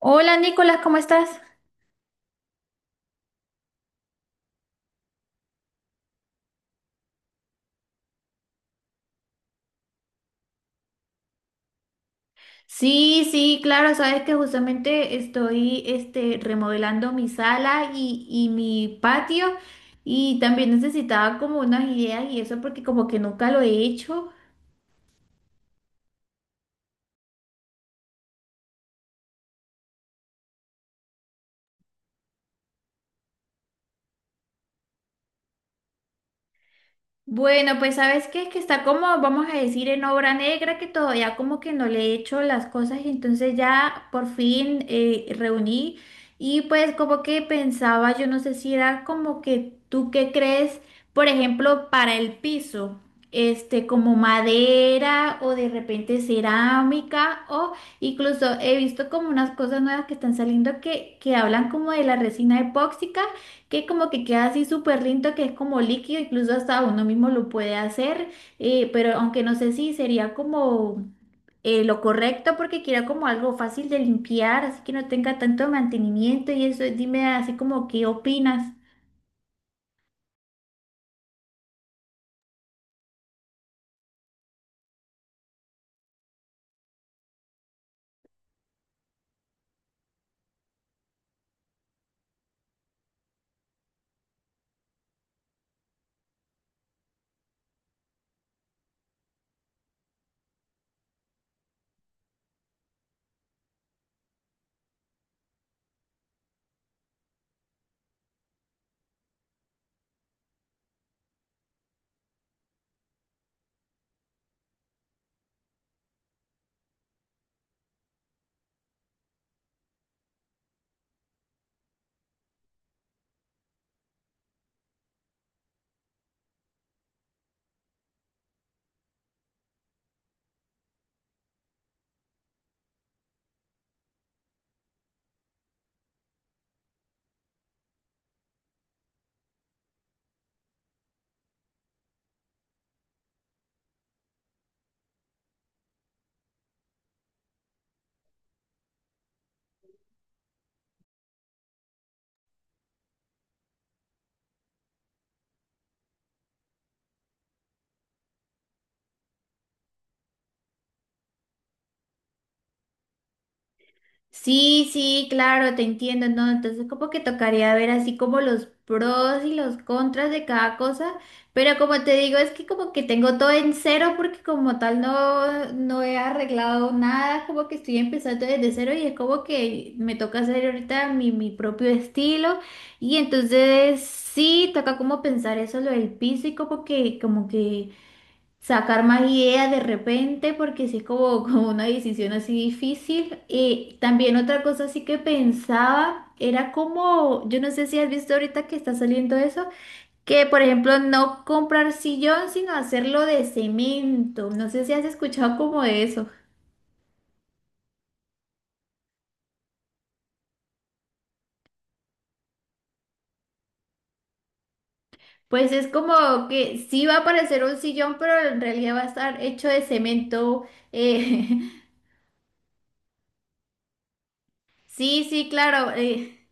Hola Nicolás, ¿cómo estás? Sí, sí, claro, sabes que justamente estoy remodelando mi sala y mi patio y también necesitaba como unas ideas y eso porque como que nunca lo he hecho. Bueno, pues sabes qué es que está como, vamos a decir, en obra negra, que todavía como que no le he hecho las cosas y entonces ya por fin reuní y pues como que pensaba, yo no sé si era como que tú qué crees, por ejemplo, para el piso, como madera o de repente cerámica o incluso he visto como unas cosas nuevas que están saliendo que hablan como de la resina epóxica que como que queda así súper lindo, que es como líquido, incluso hasta uno mismo lo puede hacer, pero aunque no sé si sería como lo correcto porque quiera como algo fácil de limpiar, así que no tenga tanto mantenimiento y eso. Dime así como qué opinas. Sí, sí, claro, te entiendo, ¿no? Entonces como que tocaría ver así como los pros y los contras de cada cosa, pero como te digo, es que como que tengo todo en cero porque como tal no, no he arreglado nada, como que estoy empezando desde cero y es como que me toca hacer ahorita mi propio estilo y entonces sí, toca como pensar eso, lo del piso y como que sacar más ideas de repente, porque sí es como, como una decisión así difícil. Y también otra cosa así que pensaba era como, yo no sé si has visto ahorita que está saliendo eso, que por ejemplo no comprar sillón, sino hacerlo de cemento. No sé si has escuchado como de eso. Pues es como que sí va a parecer un sillón, pero en realidad va a estar hecho de cemento. eh, Sí, sí, claro.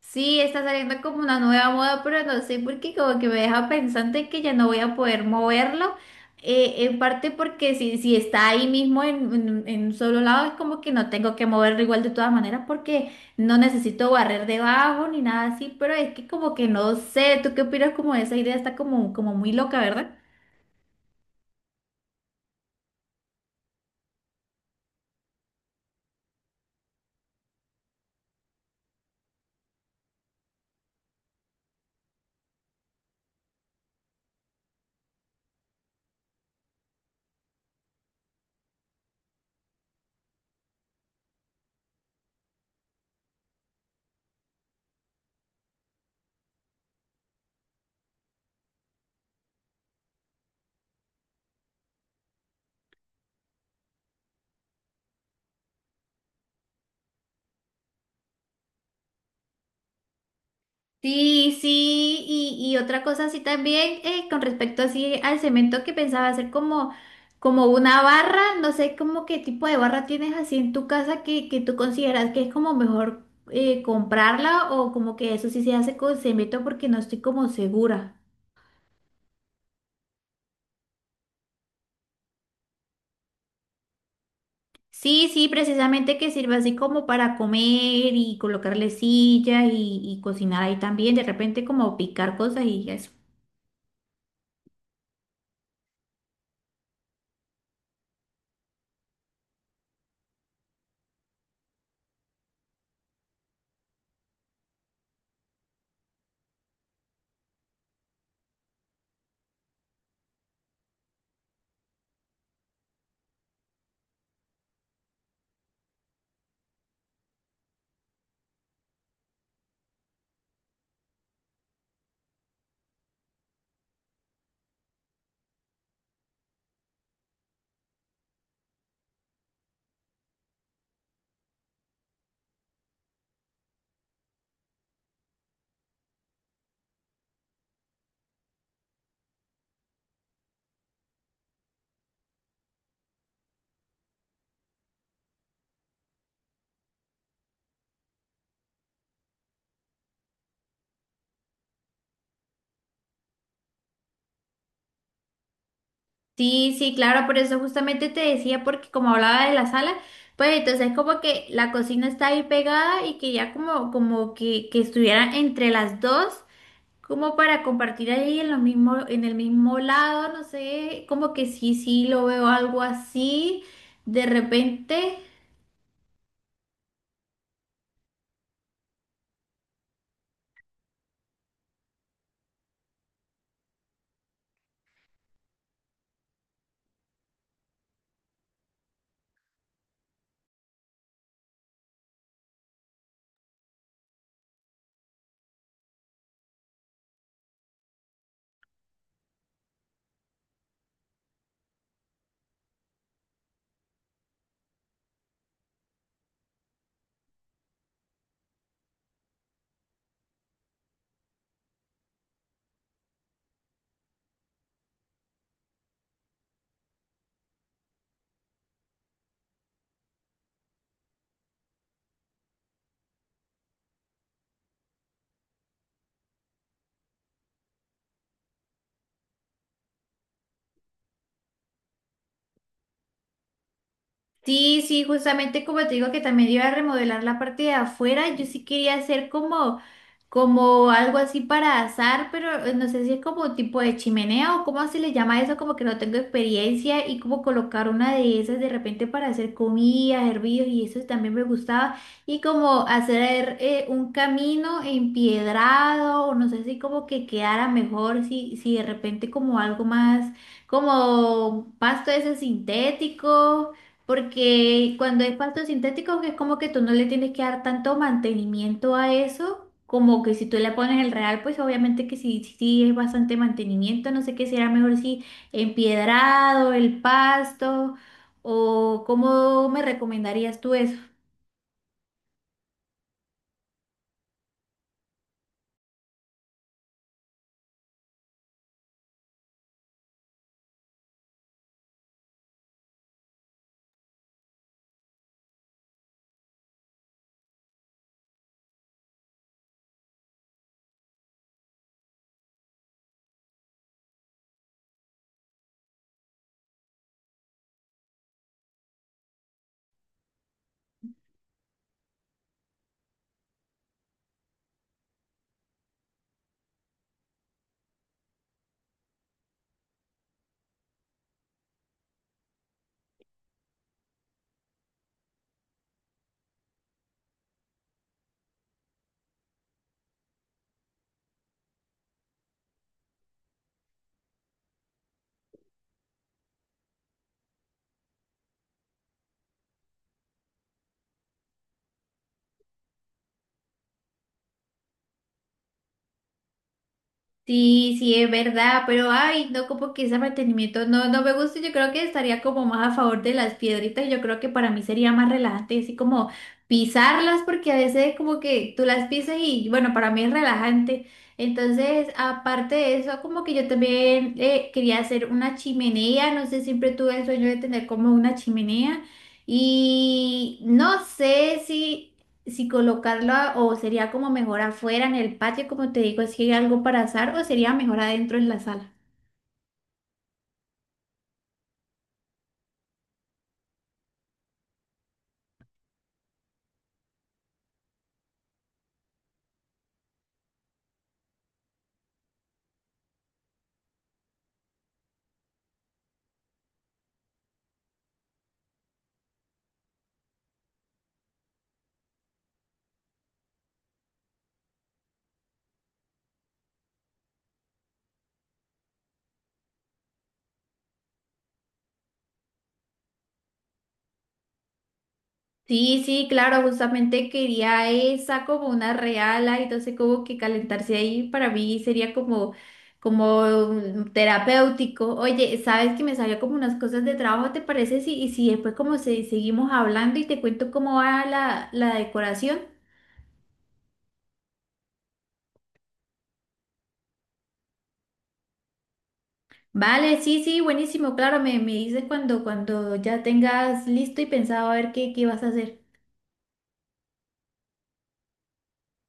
Sí, está saliendo como una nueva moda, pero no sé por qué como que me deja pensante que ya no voy a poder moverlo. En parte porque si está ahí mismo en un solo lado, es como que no tengo que moverlo igual de todas maneras porque no necesito barrer debajo ni nada así, pero es que como que no sé, ¿tú qué opinas como de esa idea? Está como, como muy loca, ¿verdad? Sí, sí, y otra cosa así también, con respecto así al cemento que pensaba hacer como, como una barra, no sé como qué tipo de barra tienes así en tu casa que tú consideras que es como mejor comprarla o como que eso sí se hace con cemento porque no estoy como segura. Sí, sí, precisamente que sirva así como para comer y colocarle sillas y cocinar ahí también, de repente como picar cosas y eso. Sí, sí, claro, por eso justamente te decía, porque como hablaba de la sala, pues entonces como que la cocina está ahí pegada y que ya como, como que estuviera entre las dos, como para compartir ahí en lo mismo, en el mismo lado, no sé, como que sí, sí, lo veo algo así de repente. Sí, sí, justamente como te digo que también iba a remodelar la parte de afuera, yo sí quería hacer como, como algo así para asar, pero no sé si es como tipo de chimenea o cómo se le llama eso, como que no tengo experiencia y como colocar una de esas de repente para hacer comida, hervidos y eso también me gustaba y como hacer un camino empiedrado o no sé si como que quedara mejor si de repente como algo más como pasto ese sintético. Porque cuando es pasto sintético es como que tú no le tienes que dar tanto mantenimiento a eso, como que si tú le pones el real, pues obviamente que sí, sí sí es bastante mantenimiento, no sé qué será mejor si empiedrado, el pasto, o cómo me recomendarías tú eso. Sí, sí, es verdad, pero ay, no, como que ese mantenimiento no, no me gusta, yo creo que estaría como más a favor de las piedritas, yo creo que para mí sería más relajante, así como pisarlas, porque a veces como que tú las pisas y bueno, para mí es relajante. Entonces, aparte de eso, como que yo también quería hacer una chimenea, no sé, siempre tuve el sueño de tener como una chimenea y no sé si colocarlo a- o sería como mejor afuera en el patio, como te digo, si hay algo para asar o sería mejor adentro en la sala. Sí, sí, claro, justamente quería esa como una reala y entonces como que calentarse ahí para mí sería como como terapéutico. Oye, sabes que me salió como unas cosas de trabajo, ¿te parece? Si, y si después como se, seguimos hablando y te cuento cómo va la decoración. Vale, sí, sí, buenísimo, claro, me dices cuando ya tengas listo y pensado a ver qué, qué vas a hacer.